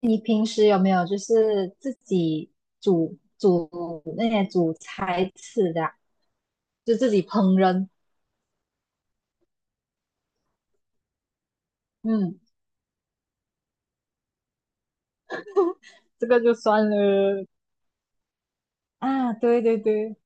你平时有没有就是自己煮煮那些煮菜吃的啊就自己烹饪？嗯，这个就算了。啊，对对对，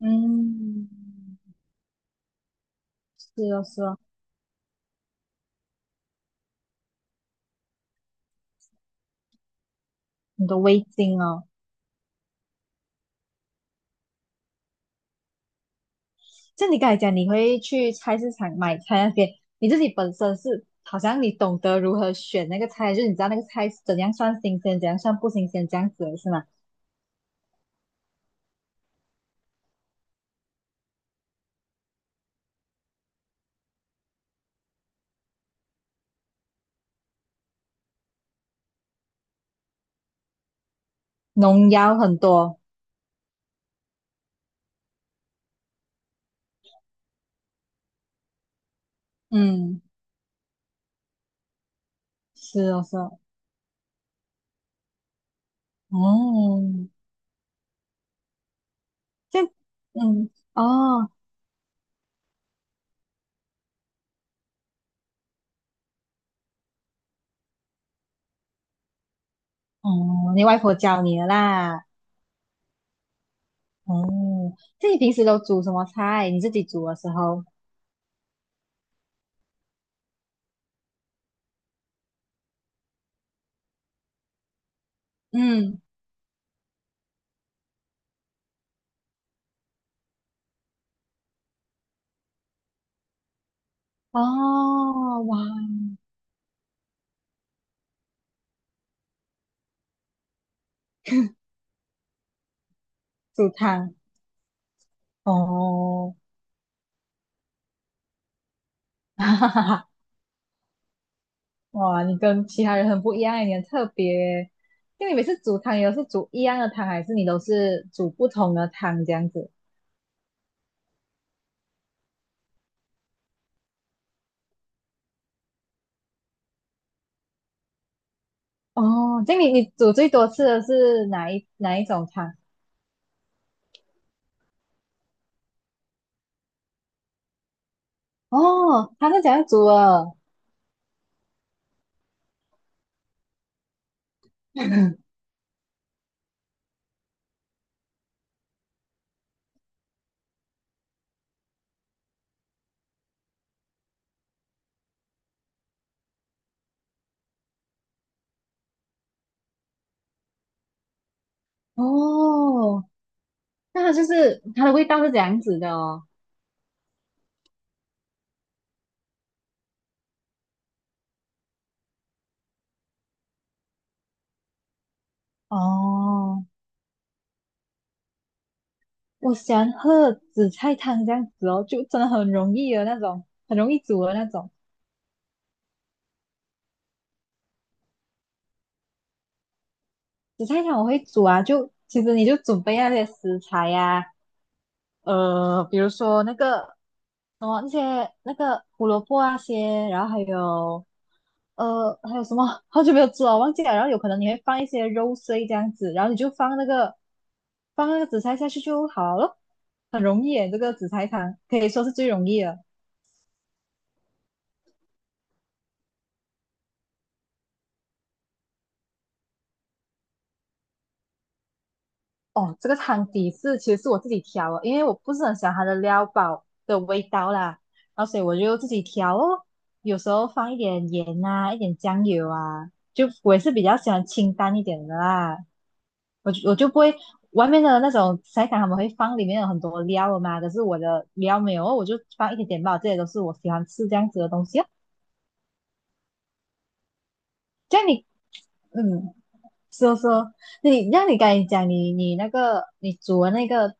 嗯，是哦是哦，你的味精哦。像你刚才讲，你会去菜市场买菜那些，你自己本身是好像你懂得如何选那个菜，就是你知道那个菜是怎样算新鲜，怎样算不新鲜，这样子的是吗？农药很多，嗯，是哦是哦，哦，这样嗯，哦，哦，你外婆教你的啦。哦，这你平时都煮什么菜？你自己煮的时候？嗯，哦，哇，煮汤。哦，哈哈哈，哇，你跟其他人很不一样，你很特别。就你每次煮汤，也都是煮一样的汤，还是你都是煮不同的汤这样子？哦，这样你煮最多次的是哪一种汤？哦，它是怎样煮的？哦，那它就是它的味道是这样子的哦。哦，我喜欢喝紫菜汤这样子哦，就真的很容易的那种，很容易煮的那种紫菜汤。我会煮啊，就其实你就准备那些食材呀、啊比如说那个什么那些那个胡萝卜啊些，然后还有还有什么，好久没有做了，忘记了。然后有可能你会放一些肉碎这样子，然后你就放那个紫菜下去就好了，很容易耶，这个紫菜汤可以说是最容易了。哦，这个汤底是其实是我自己调的，因为我不是很喜欢它的料包的味道啦，然后所以我就自己调哦，有时候放一点盐啊，一点酱油啊，就我也是比较喜欢清淡一点的啦，我就不会外面的那种菜汤他们会放里面有很多料的嘛，可是我的料没有哦，我就放一点点吧，这些都是我喜欢吃这样子的东西哦。这样你，嗯，说说你，让你刚才讲你那个你煮的那个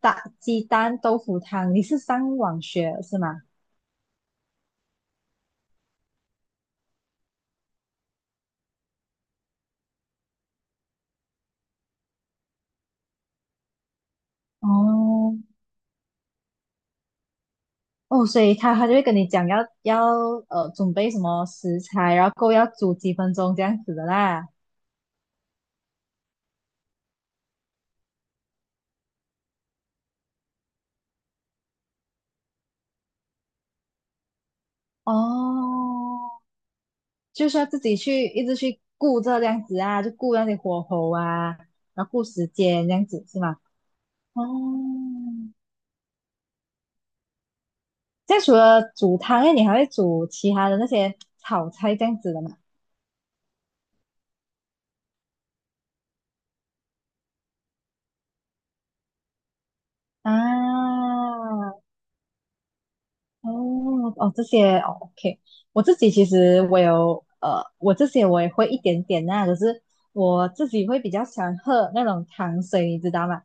大鸡蛋豆腐汤，你是上网学是吗？哦哦，所以他就会跟你讲要准备什么食材，然后够要煮几分钟这样子的啦。哦，就是要自己去一直去顾这样子啊，就顾那些火候啊，然后顾时间这样子是吗？哦，这样除了煮汤，哎，你还会煮其他的那些炒菜这样子的吗？啊，哦哦，这些哦，OK，我自己其实我有我这些我也会一点点啦、可是我自己会比较喜欢喝那种糖水，你知道吗？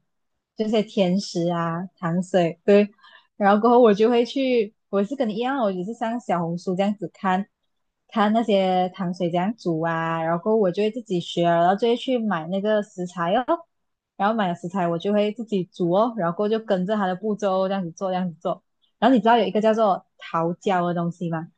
就是甜食啊，糖水，对。然后过后我就会去，我也是跟你一样哦，我也是像小红书这样子看，看那些糖水这样煮啊，然后过后我就会自己学了然后就会去买那个食材哦，然后买了食材我就会自己煮哦，然后过后就跟着它的步骤哦这样子做，这样子做。然后你知道有一个叫做桃胶的东西吗？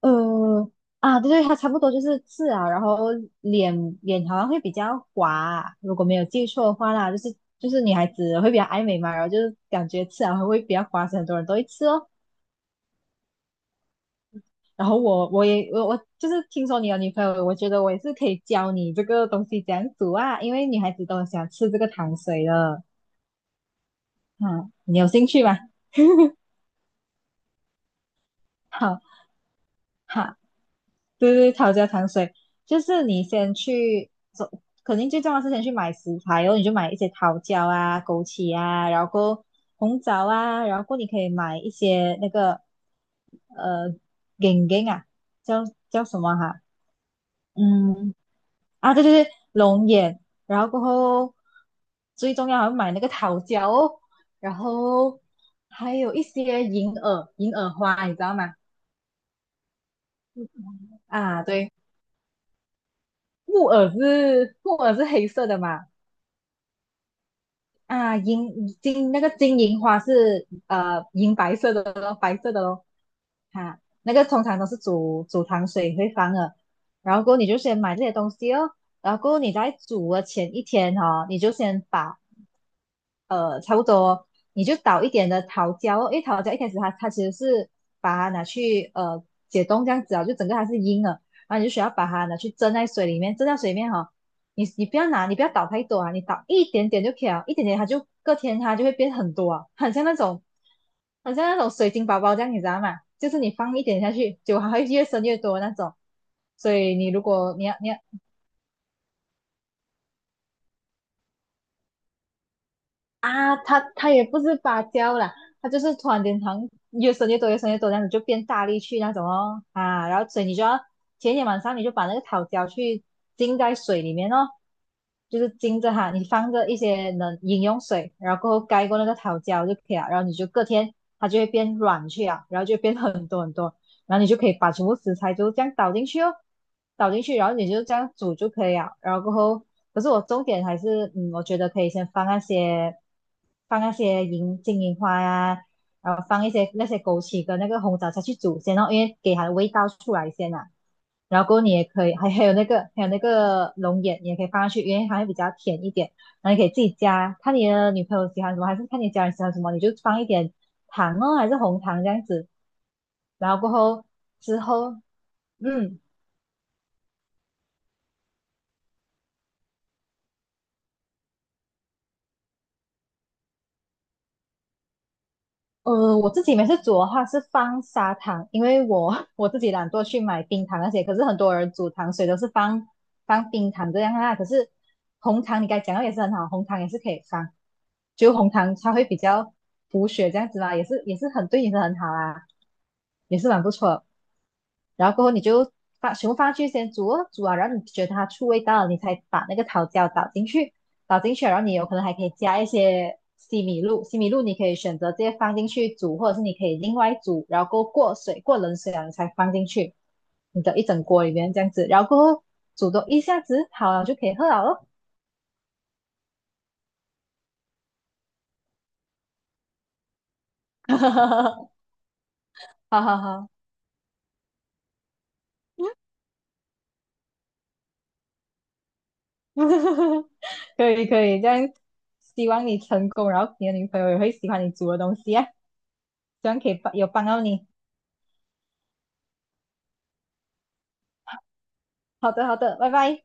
呃，啊，对对，它差不多就是刺啊，然后脸好像会比较滑，如果没有记错的话啦，就是就是女孩子会比较爱美嘛，然后就是感觉刺啊会比较滑，所以很多人都会吃哦。然后我我也我我就是听说你有女朋友，我觉得我也是可以教你这个东西怎样煮啊，因为女孩子都很喜欢吃这个糖水的。嗯，你有兴趣吗？好。好，对对，桃胶糖水，就是你先去，走，肯定最重要是先去买食材哦，你就买一些桃胶啊、枸杞啊，然后过后红枣啊，然后过后你可以买一些那个呃眼睛啊，叫什么哈、嗯啊，对对对，龙眼，然后过后最重要还要买那个桃胶哦，然后还有一些银耳、银耳花，你知道吗？啊，对，木耳是黑色的嘛？啊，那个金银花是银白色的咯，白色的咯。哈、那个通常都是煮煮糖水会放的。然后过后你就先买这些东西哦，然后过后你在煮的前一天哦，你就先把差不多，你就倒一点的桃胶哦，因为桃胶一开始它其实是把它拿去解冻这样子啊，就整个它是硬的，然后你就需要把它拿去蒸在水里面，蒸在水里面哈、哦你不要拿，你不要倒太多啊，你倒一点点就可以了，一点点它就隔天它就会变很多啊，很像那种水晶宝宝这样，你知道吗？就是你放一点下去，结还会越生越多那种。所以你如果你要。啊，它也不是芭蕉啦，它就是突然间好像越生越多，越生越多，这样子就变大力去那种哦啊，然后所以你就要前一天晚上你就把那个桃胶去浸在水里面哦，就是浸着哈，你放着一些冷饮用水，然后过后盖过那个桃胶就可以了，然后你就隔天它就会变软去啊，然后就变很多很多然后你就可以把全部食材就这样倒进去哦，倒进去，然后你就这样煮就可以了。然后过后，可是我重点还是，我觉得可以先放那些银金银花呀、然后放一些那些枸杞跟那个红枣下去煮先哦，因为给它的味道出来先啊。然后过后你也可以，还有那个龙眼，你也可以放上去，因为它会比较甜一点。然后你可以自己加，看你的女朋友喜欢什么，还是看你家人喜欢什么，你就放一点糖哦，还是红糖这样子。然后过后之后，嗯我自己每次煮的话是放砂糖，因为我 我自己懒惰去买冰糖那些，可是很多人煮糖水都是放冰糖这样啊。可是红糖你刚才讲到也是很好，红糖也是可以放，就红糖它会比较补血这样子啦，也是很对你是很好啊，也是蛮不错的然后过后你就把全部放去先煮哦，煮啊，然后你觉得它出味道了，你才把那个桃胶倒进去，倒进去了，然后你有可能还可以加一些西米露，西米露你可以选择直接放进去煮，或者是你可以另外煮，然后过后过水，过冷水了你才放进去你的一整锅里面这样子，然后过后煮多一下子好了就可以喝了哈哈哈，哈哈哈，可以可以，这样希望你成功，然后你的女朋友也会喜欢你煮的东西啊，希望可以帮到你。好的，好的，拜拜。